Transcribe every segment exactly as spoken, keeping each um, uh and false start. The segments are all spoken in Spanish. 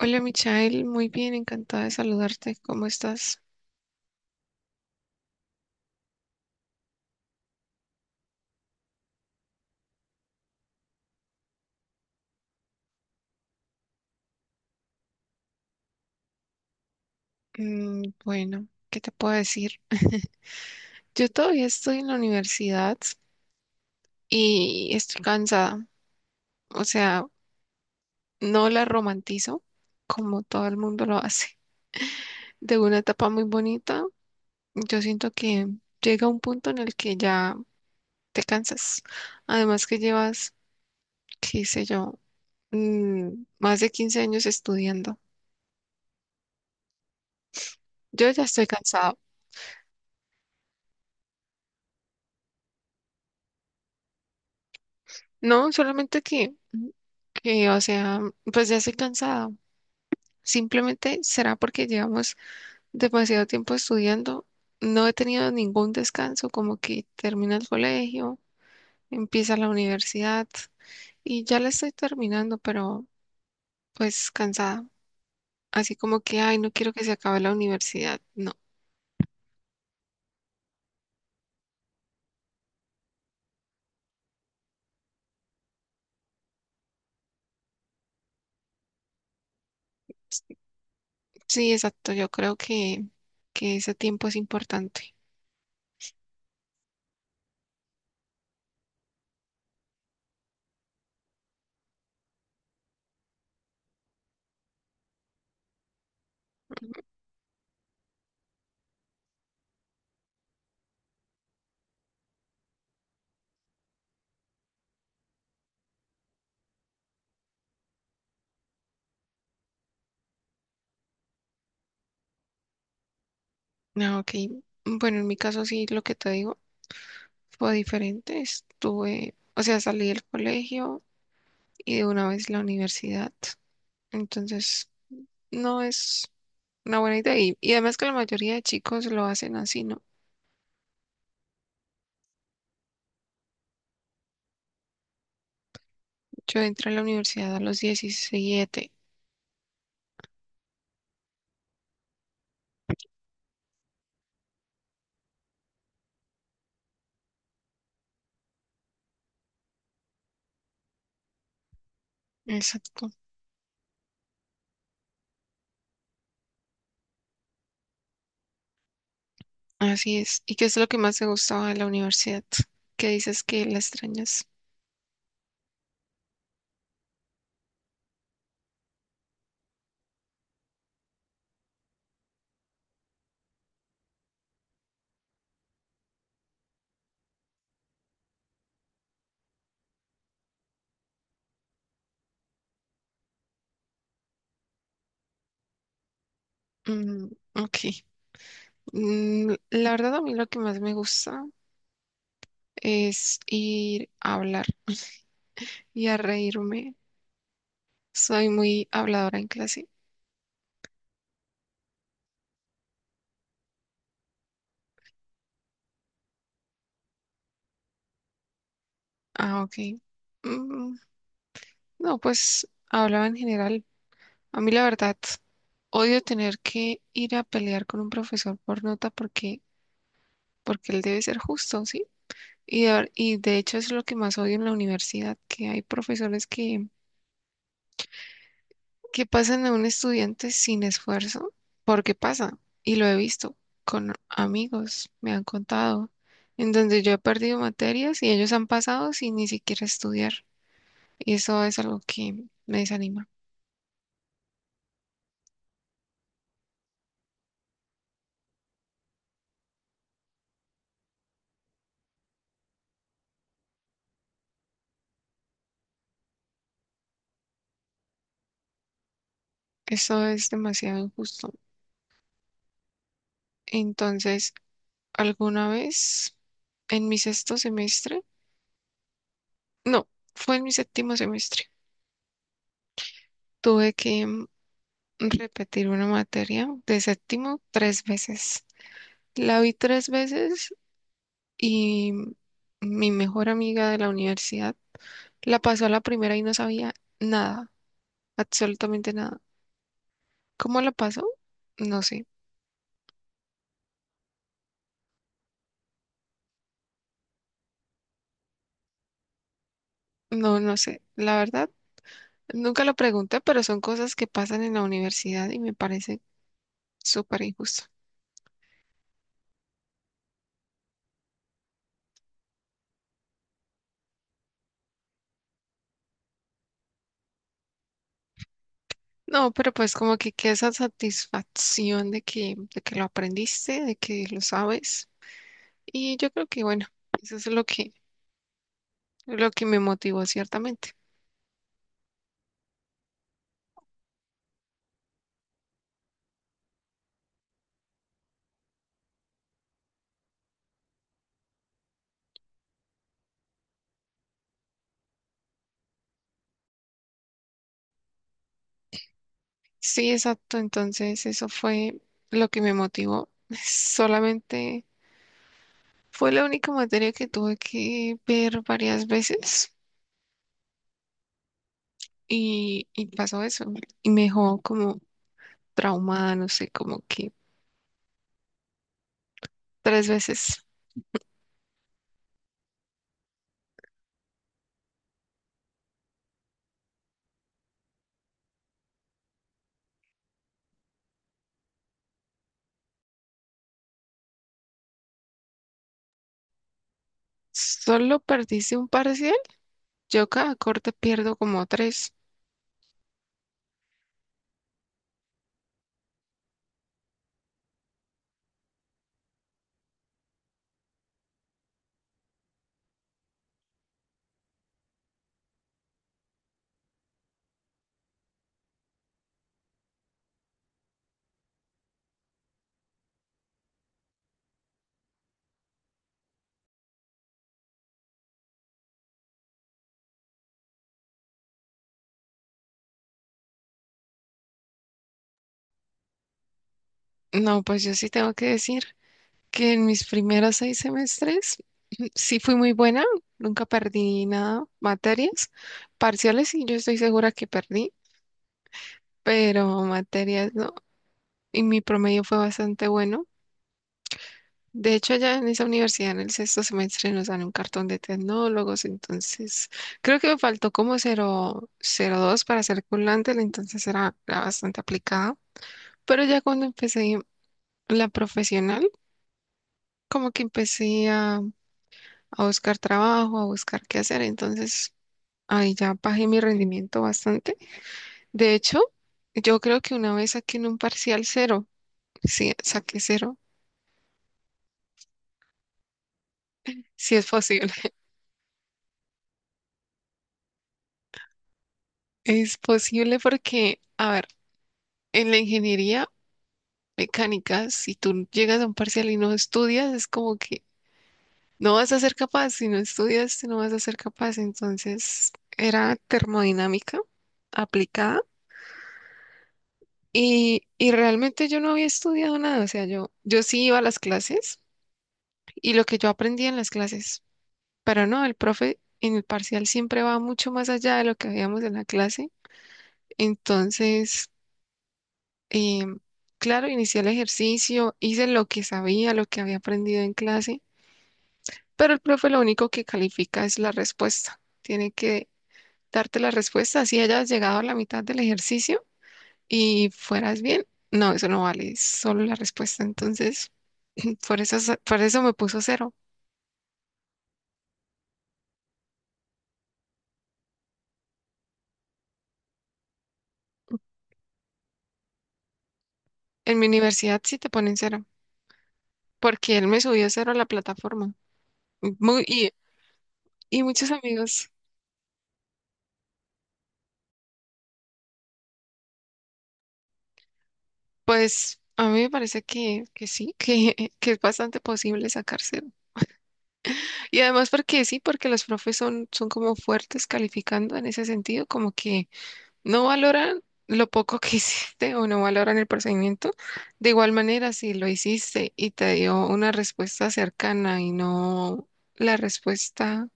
Hola, Michael, muy bien, encantada de saludarte. ¿Cómo estás? Mm, bueno, ¿qué te puedo decir? Yo todavía estoy en la universidad y estoy cansada. O sea, no la romantizo como todo el mundo lo hace. De una etapa muy bonita, yo siento que llega un punto en el que ya te cansas. Además que llevas, qué sé yo, mm, más de quince años estudiando. Yo ya estoy cansada. No, solamente que... mm, y, o sea, pues ya estoy cansada. Simplemente será porque llevamos demasiado tiempo estudiando. No he tenido ningún descanso, como que termina el colegio, empieza la universidad y ya la estoy terminando, pero pues cansada. Así como que, ay, no quiero que se acabe la universidad. No, sí, exacto. Yo creo que, que ese tiempo es importante. Ah, ok. Bueno, en mi caso sí, lo que te digo fue diferente. Estuve, o sea, salí del colegio y de una vez la universidad. Entonces, no es una buena idea. Y, y además que la mayoría de chicos lo hacen así, ¿no? Yo entré a la universidad a los diecisiete. Exacto. Así es. ¿Y qué es lo que más te gustaba de la universidad? ¿Qué dices que la extrañas? Mm, ok. Mm, la verdad, a mí lo que más me gusta es ir a hablar y a reírme. Soy muy habladora en clase. Ah, ok. Mm, no, pues hablaba en general. A mí la verdad, odio tener que ir a pelear con un profesor por nota, porque, porque él debe ser justo, ¿sí? Y de, ver- y de hecho es lo que más odio en la universidad, que hay profesores que, que pasan a un estudiante sin esfuerzo, porque pasa, y lo he visto con amigos, me han contado, en donde yo he perdido materias y ellos han pasado sin ni siquiera estudiar. Y eso es algo que me desanima. Eso es demasiado injusto. Entonces, alguna vez en mi sexto semestre, no, fue en mi séptimo semestre. Tuve que mm, repetir una materia de séptimo tres veces. La vi tres veces y mm, mi mejor amiga de la universidad la pasó a la primera y no sabía nada, absolutamente nada. ¿Cómo la pasó? No sé, no, no sé. La verdad, nunca lo pregunté, pero son cosas que pasan en la universidad y me parece súper injusto. No, pero pues como que queda esa satisfacción de que, de que lo aprendiste, de que lo sabes. Y yo creo que bueno, eso es lo que, lo que me motivó ciertamente. Sí, exacto. Entonces eso fue lo que me motivó. Solamente fue la única materia que tuve que ver varias veces y, y pasó eso. Y me dejó como traumada, no sé, como que tres veces. Solo perdiste un parcial. Yo cada corte pierdo como tres. No, pues yo sí tengo que decir que en mis primeros seis semestres mm, sí fui muy buena, nunca perdí nada, materias, parciales sí, yo estoy segura que perdí, pero materias no, y mi promedio fue bastante bueno. De hecho, ya en esa universidad, en el sexto semestre, nos dan un cartón de tecnólogos, entonces creo que me faltó como cero cero dos para ser culante, entonces era, era bastante aplicada. Pero ya cuando empecé la profesional, como que empecé a a buscar trabajo, a buscar qué hacer. Entonces, ahí ya bajé mi rendimiento bastante. De hecho, yo creo que una vez saqué en un parcial cero, sí, saqué cero, sí es posible. Es posible porque, a ver, en la ingeniería mecánica, si tú llegas a un parcial y no estudias, es como que no vas a ser capaz. Si no estudias, no vas a ser capaz. Entonces, era termodinámica aplicada. Y, y realmente yo no había estudiado nada, o sea, yo, yo sí iba a las clases y lo que yo aprendía en las clases, pero no, el profe en el parcial siempre va mucho más allá de lo que veíamos en la clase. Entonces, em, claro, inicié el ejercicio, hice lo que sabía, lo que había aprendido en clase, pero el profe lo único que califica es la respuesta. Tiene que darte la respuesta, así hayas llegado a la mitad del ejercicio y fueras bien. No, eso no vale, es solo la respuesta. Entonces, por eso, se- por eso me puso cero. En mi universidad sí te ponen cero, porque él me subió cero a la plataforma. Muy- y, y muchos amigos, pues a mí me parece que, que sí, que, que es bastante posible sacar cero. Y además porque sí, porque los profes son, son como fuertes calificando en ese sentido, como que no valoran lo poco que hiciste o no valoran el procedimiento. De igual manera, si lo hiciste y te dio una respuesta cercana y no la respuesta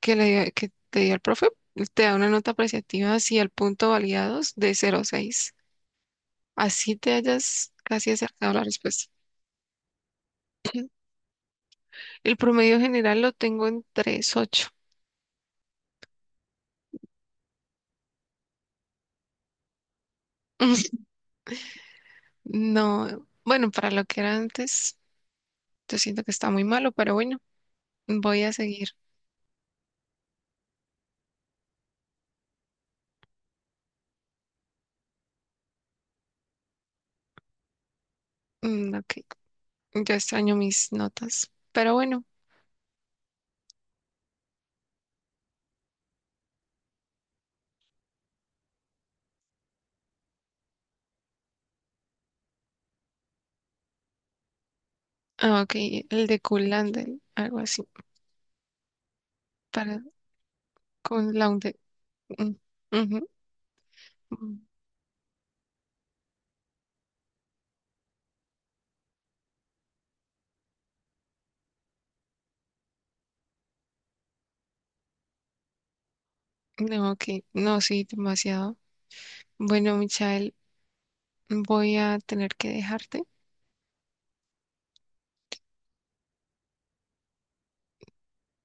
que le, que te dio el profe, te da una nota apreciativa si el punto validados de cero a seis, así te hayas casi acercado a la respuesta. El promedio general lo tengo en tres coma ocho. No, bueno, para lo que era antes, yo siento que está muy malo, pero bueno, voy a seguir. Mm, ok, yo extraño mis notas, pero bueno, ah, ok, el de Kulandel, algo así, para con la unde. Mm, ujú, mm. No, ok, no, sí, demasiado. Bueno, Michael, voy a tener que dejarte.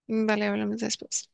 Vale, hablamos después.